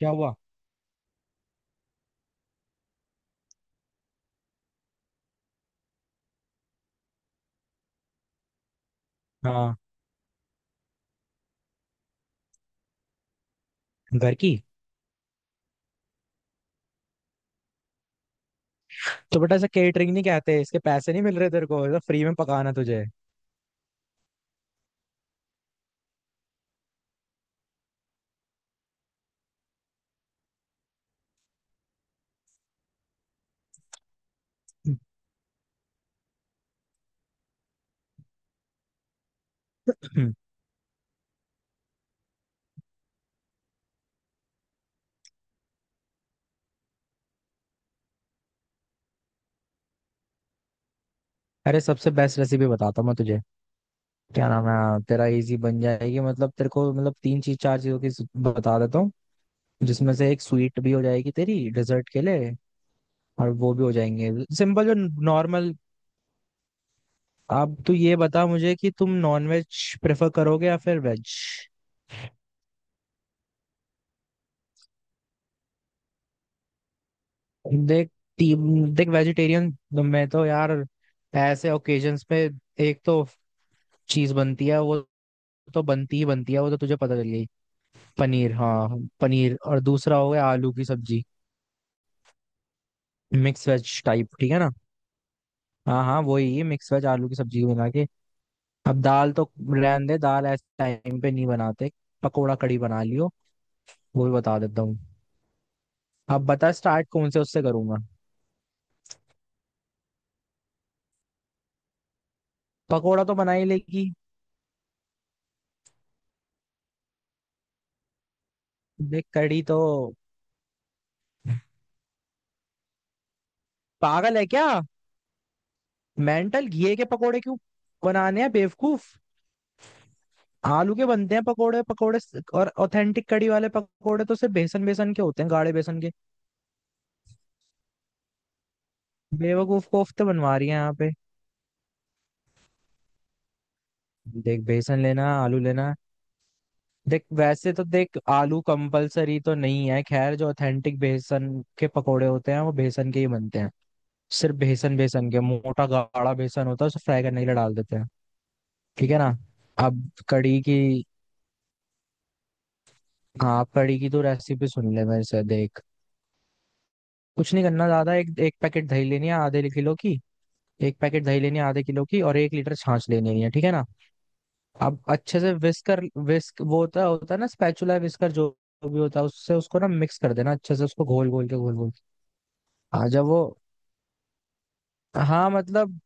क्या हुआ। हाँ घर की। तो बेटा ऐसा केटरिंग नहीं कहते, इसके पैसे नहीं मिल रहे तेरे को, ये तो फ्री में पकाना तुझे हम्म, अरे, सबसे बेस्ट रेसिपी बताता हूँ मैं तुझे। क्या नाम है, हाँ, तेरा इजी बन जाएगी, मतलब तेरे को, मतलब तीन चीज चार चीजों की बता देता हूँ। जिसमें से एक स्वीट भी हो जाएगी तेरी डेजर्ट के लिए। और वो भी हो जाएंगे सिंपल, जो नॉर्मल। अब तू ये बता मुझे कि तुम नॉन वेज प्रेफर करोगे या फिर वेज। देख, ती- देख, वेजिटेरियन। मैं तो यार ऐसे ओकेजन्स पे एक तो चीज बनती है, वो तो बनती ही बनती है, वो तो तुझे पता चल गई। पनीर, हाँ, पनीर और दूसरा हो गया आलू की सब्जी। मिक्स वेज टाइप, ठीक है ना। हाँ हाँ, वही मिक्स वेज, आलू की सब्जी बना के। अब दाल तो रहने दे, दाल ऐसे टाइम पे नहीं बनाते। पकोड़ा कड़ी बना लियो, वो भी बता देता हूँ। अब बता, स्टार्ट कौन से उससे करूंगा। पकोड़ा तो बना ही लेगी। देख, कड़ी तो पागल है क्या। मेंटल, घिए के पकोड़े क्यों बनाने हैं बेवकूफ। आलू के बनते हैं पकोड़े, पकोड़े और ऑथेंटिक कड़ी वाले पकोड़े तो सिर्फ बेसन, बेसन के होते हैं, गाढ़े बेसन के। बेवकूफ, कोफ्ते बनवा रही है यहाँ पे। देख, बेसन लेना, आलू लेना। देख, वैसे तो देख आलू कंपलसरी तो नहीं है, खैर जो ऑथेंटिक बेसन के पकोड़े होते हैं वो बेसन के ही बनते हैं। सिर्फ बेसन, बेसन के मोटा गाढ़ा बेसन होता है, उसे फ्राई करने के लिए डाल देते हैं। ठीक है ना। अब कड़ी की, हाँ, कड़ी की तो रेसिपी सुन ले मेरे से, देख। कुछ नहीं करना ज्यादा, एक एक पैकेट दही लेनी है आधे किलो की। एक पैकेट दही लेनी है आधे किलो की और 1 लीटर छाछ लेनी है, ठीक है ना। अब अच्छे से विस्कर, विस्क वो होता होता है ना, स्पैचुला विस्कर जो भी होता है, उससे उसको ना मिक्स कर देना अच्छे से, उसको घोल घोल के घोल घोल के। हाँ जब वो, हाँ मतलब,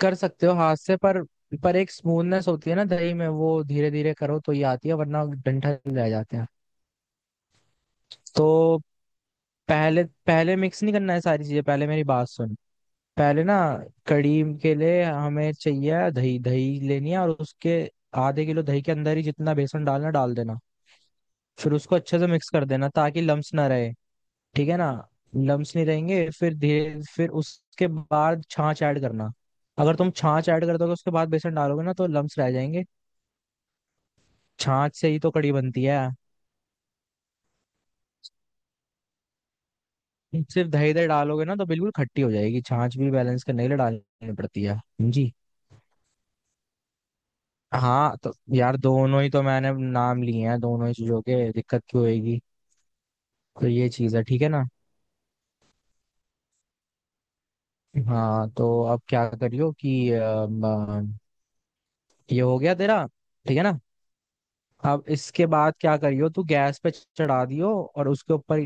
कर सकते हो हाथ से, पर एक स्मूथनेस होती है ना दही में, वो धीरे धीरे करो तो ये आती है, वरना डंठल रह जाते हैं। तो पहले, पहले मिक्स नहीं करना है सारी चीजें, पहले मेरी बात सुन। पहले ना कड़ी के लिए हमें चाहिए दही, दही लेनी है और उसके आधे किलो दही के अंदर ही जितना बेसन डालना डाल देना। फिर उसको अच्छे से मिक्स कर देना ताकि लम्स ना रहे, ठीक है ना। लम्स नहीं रहेंगे, फिर धीरे, फिर उसके बाद छाछ ऐड करना। अगर तुम छाछ ऐड कर दोगे उसके बाद बेसन डालोगे ना, तो लम्स रह जाएंगे। छाछ से ही तो कड़ी बनती है। सिर्फ दही, दही डालोगे ना तो बिल्कुल खट्टी हो जाएगी, छाछ भी बैलेंस करने के लिए डालनी पड़ती है। जी, हाँ तो यार दोनों ही तो मैंने नाम लिए हैं दोनों ही चीजों के, दिक्कत क्यों होएगी। तो ये चीज है, ठीक है ना। हाँ तो अब क्या करियो कि अम, अम, ये हो गया तेरा, ठीक है ना। अब इसके बाद क्या करियो, तू गैस पे चढ़ा दियो और उसके ऊपर,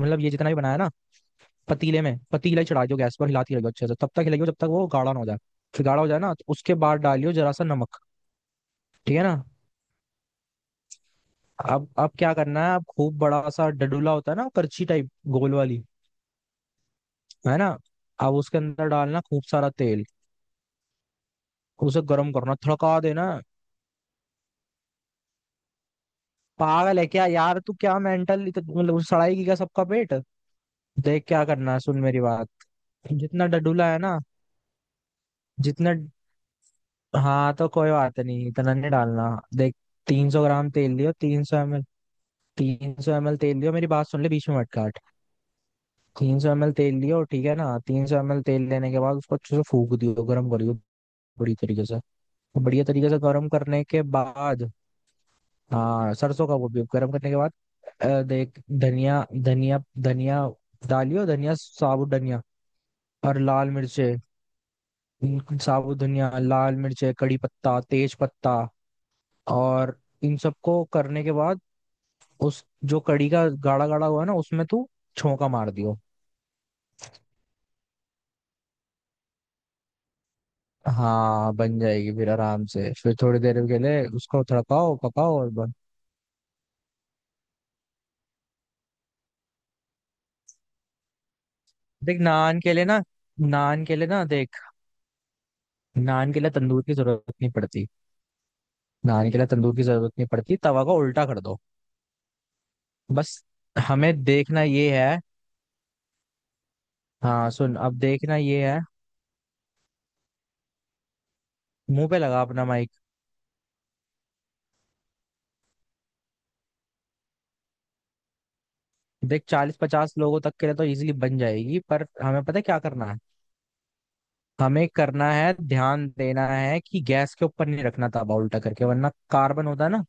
मतलब ये जितना भी बनाया ना पतीले में, पतीला ही चढ़ा दियो गैस पर, हिलाती रहियो अच्छे से, तब तक हिलाइयो जब तक वो गाढ़ा ना हो जाए। फिर गाढ़ा हो जाए ना तो उसके बाद डालियो जरा सा नमक, ठीक है ना। अब क्या करना है, अब खूब बड़ा सा डडूला होता है ना, करछी टाइप गोल वाली, है ना। अब उसके अंदर डालना खूब सारा तेल, उसे गर्म करना, थड़का देना। पागल है क्या यार तू, क्या मेंटल, मतलब उस सड़ाई की क्या सबका पेट। देख, क्या करना है, सुन मेरी बात। जितना डडूला है ना, जितना, हाँ तो कोई बात नहीं, इतना नहीं डालना। देख, 300 ग्राम तेल लियो, 300 ML। 300 ML तेल लियो, मेरी बात सुन ले, बीच में मत काट। 300 ML तेल लियो, ठीक है ना। 300 ML तेल लेने के बाद उसको अच्छे से फूक दियो, गर्म करियो बड़ी तरीके से, बढ़िया तरीके से गर्म करने के बाद। हाँ सरसों का, वो भी गर्म करने के बाद देख धनिया, धनिया, धनिया डालियो, धनिया, साबुत धनिया और लाल मिर्चे। साबुत धनिया, लाल मिर्चे, कड़ी पत्ता, तेज पत्ता और इन सबको करने के बाद, उस जो कड़ी का गाढ़ा गाढ़ा हुआ है ना, उसमें तू छौंका मार दियो। हाँ बन जाएगी, फिर आराम से फिर थोड़ी देर के लिए उसको तड़काओ, पकाओ और बन। देख नान के लिए ना, नान के लिए ना देख, नान के लिए तंदूर की जरूरत नहीं पड़ती। नहाने के लिए तंदूर की जरूरत नहीं पड़ती, तवा को उल्टा कर दो। बस, हमें देखना ये है, हाँ सुन, अब देखना ये है, मुंह पे लगा अपना माइक। देख 40-50 लोगों तक के लिए तो इजीली बन जाएगी, पर हमें पता है क्या करना है। हमें करना है, ध्यान देना है कि गैस के ऊपर नहीं रखना तवा उल्टा करके, वरना कार्बन होता है ना,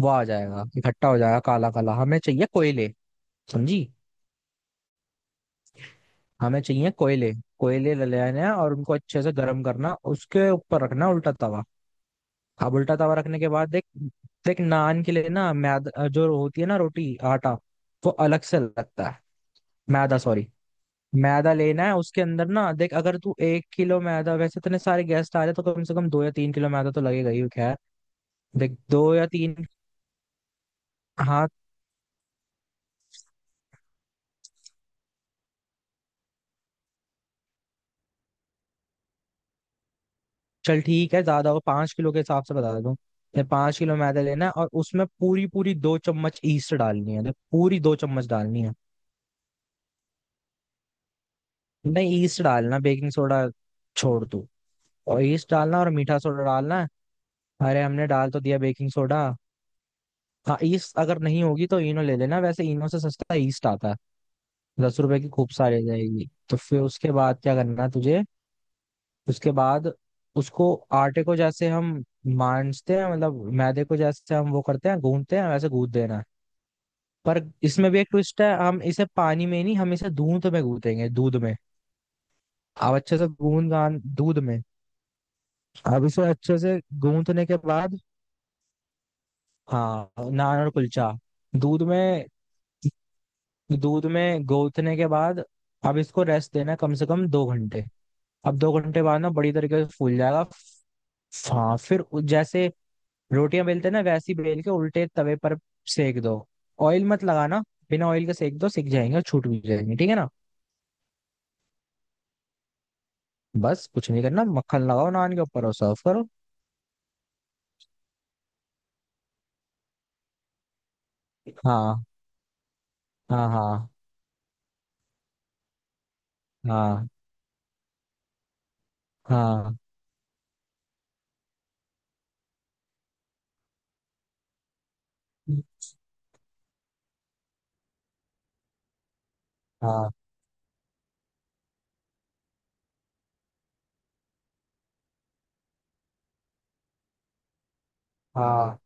वो आ जाएगा, इकट्ठा हो जाएगा काला काला। हमें चाहिए कोयले, समझी, हमें चाहिए कोयले। कोयले ले लेने हैं और उनको अच्छे से गर्म करना, उसके ऊपर रखना उल्टा तवा। अब उल्टा तवा रखने के बाद देख, देख नान के लिए ना, मैदा जो होती है ना, रोटी आटा वो अलग से लगता है, मैदा सॉरी। मैदा लेना है, उसके अंदर ना, देख अगर तू 1 किलो मैदा, वैसे इतने सारे गेस्ट आ रहे हैं, तो कम से कम 2 या 3 किलो मैदा तो लगेगा ही, खैर। देख दो या तीन, हाँ चल ठीक है, ज्यादा हो 5 किलो के हिसाब से बता देता हूँ। देख, 5 किलो मैदा लेना है और उसमें पूरी पूरी 2 चम्मच ईस्ट डालनी है, देख पूरी 2 चम्मच डालनी है। नहीं, ईस्ट डालना, बेकिंग सोडा छोड़ तू, और ईस्ट डालना और मीठा सोडा डालना। अरे हमने डाल तो दिया बेकिंग सोडा। हाँ ईस्ट अगर नहीं होगी तो ईनो ले लेना, वैसे ईनो से सस्ता ईस्ट आता है। 10 रुपए की खूब सारी आ जाएगी, तो फिर उसके बाद क्या करना है तुझे। उसके बाद उसको, आटे को जैसे हम मांझते हैं, मतलब मैदे को जैसे हम वो करते हैं गूंथते हैं, वैसे गूंथ देना है। पर इसमें भी एक ट्विस्ट है, हम इसे पानी में नहीं, हम इसे दूध में गूंथेंगे, दूध में। अब अच्छे से गूंद गान दूध में। अब इसे अच्छे से गूंथने के बाद, हाँ नान और कुलचा, दूध में, दूध में गौथने के बाद अब इसको रेस्ट देना है कम से कम 2 घंटे। अब दो घंटे बाद ना बड़ी तरीके से फूल जाएगा, हाँ फिर जैसे रोटियां बेलते हैं ना, वैसे ही बेल के उल्टे तवे पर सेक दो, ऑयल मत लगाना। बिना ऑयल के सेक दो, सिक जाएंगे और छूट भी जाएंगे, ठीक है ना। बस कुछ नहीं करना, मक्खन लगाओ नान के ऊपर और सर्व करो। हाँ हाँ हाँ, हाँ हाँ हाँ, हाँ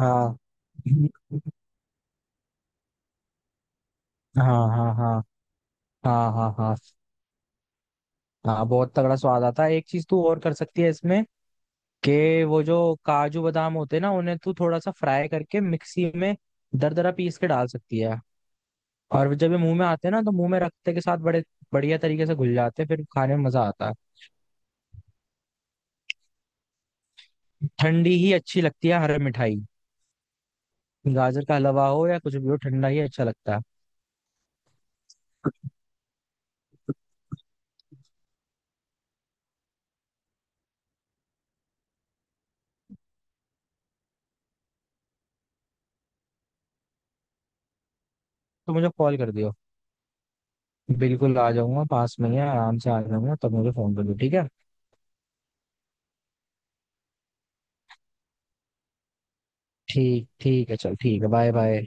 हाँ हाँ, हाँ हाँ हाँ, हाँ हाँ हाँ। बहुत तगड़ा स्वाद आता है, एक चीज तू और कर सकती है इसमें के, वो जो काजू बादाम होते हैं ना, उन्हें तू थोड़ा सा फ्राई करके मिक्सी में दरदरा पीस के डाल सकती है। और जब ये मुंह में आते हैं ना तो मुंह में रखते के साथ बड़े बढ़िया तरीके से घुल जाते हैं, फिर खाने में मजा आता है। ठंडी ही अच्छी लगती है हर मिठाई, गाजर का हलवा हो या कुछ भी हो ठंडा ही अच्छा लगता है। तो मुझे कॉल कर दियो, बिल्कुल आ जाऊंगा, पास में ही है आराम से आ जाऊंगा, तब मुझे फोन कर दियो, ठीक है। ठीक, ठीक है, चल ठीक है, बाय बाय।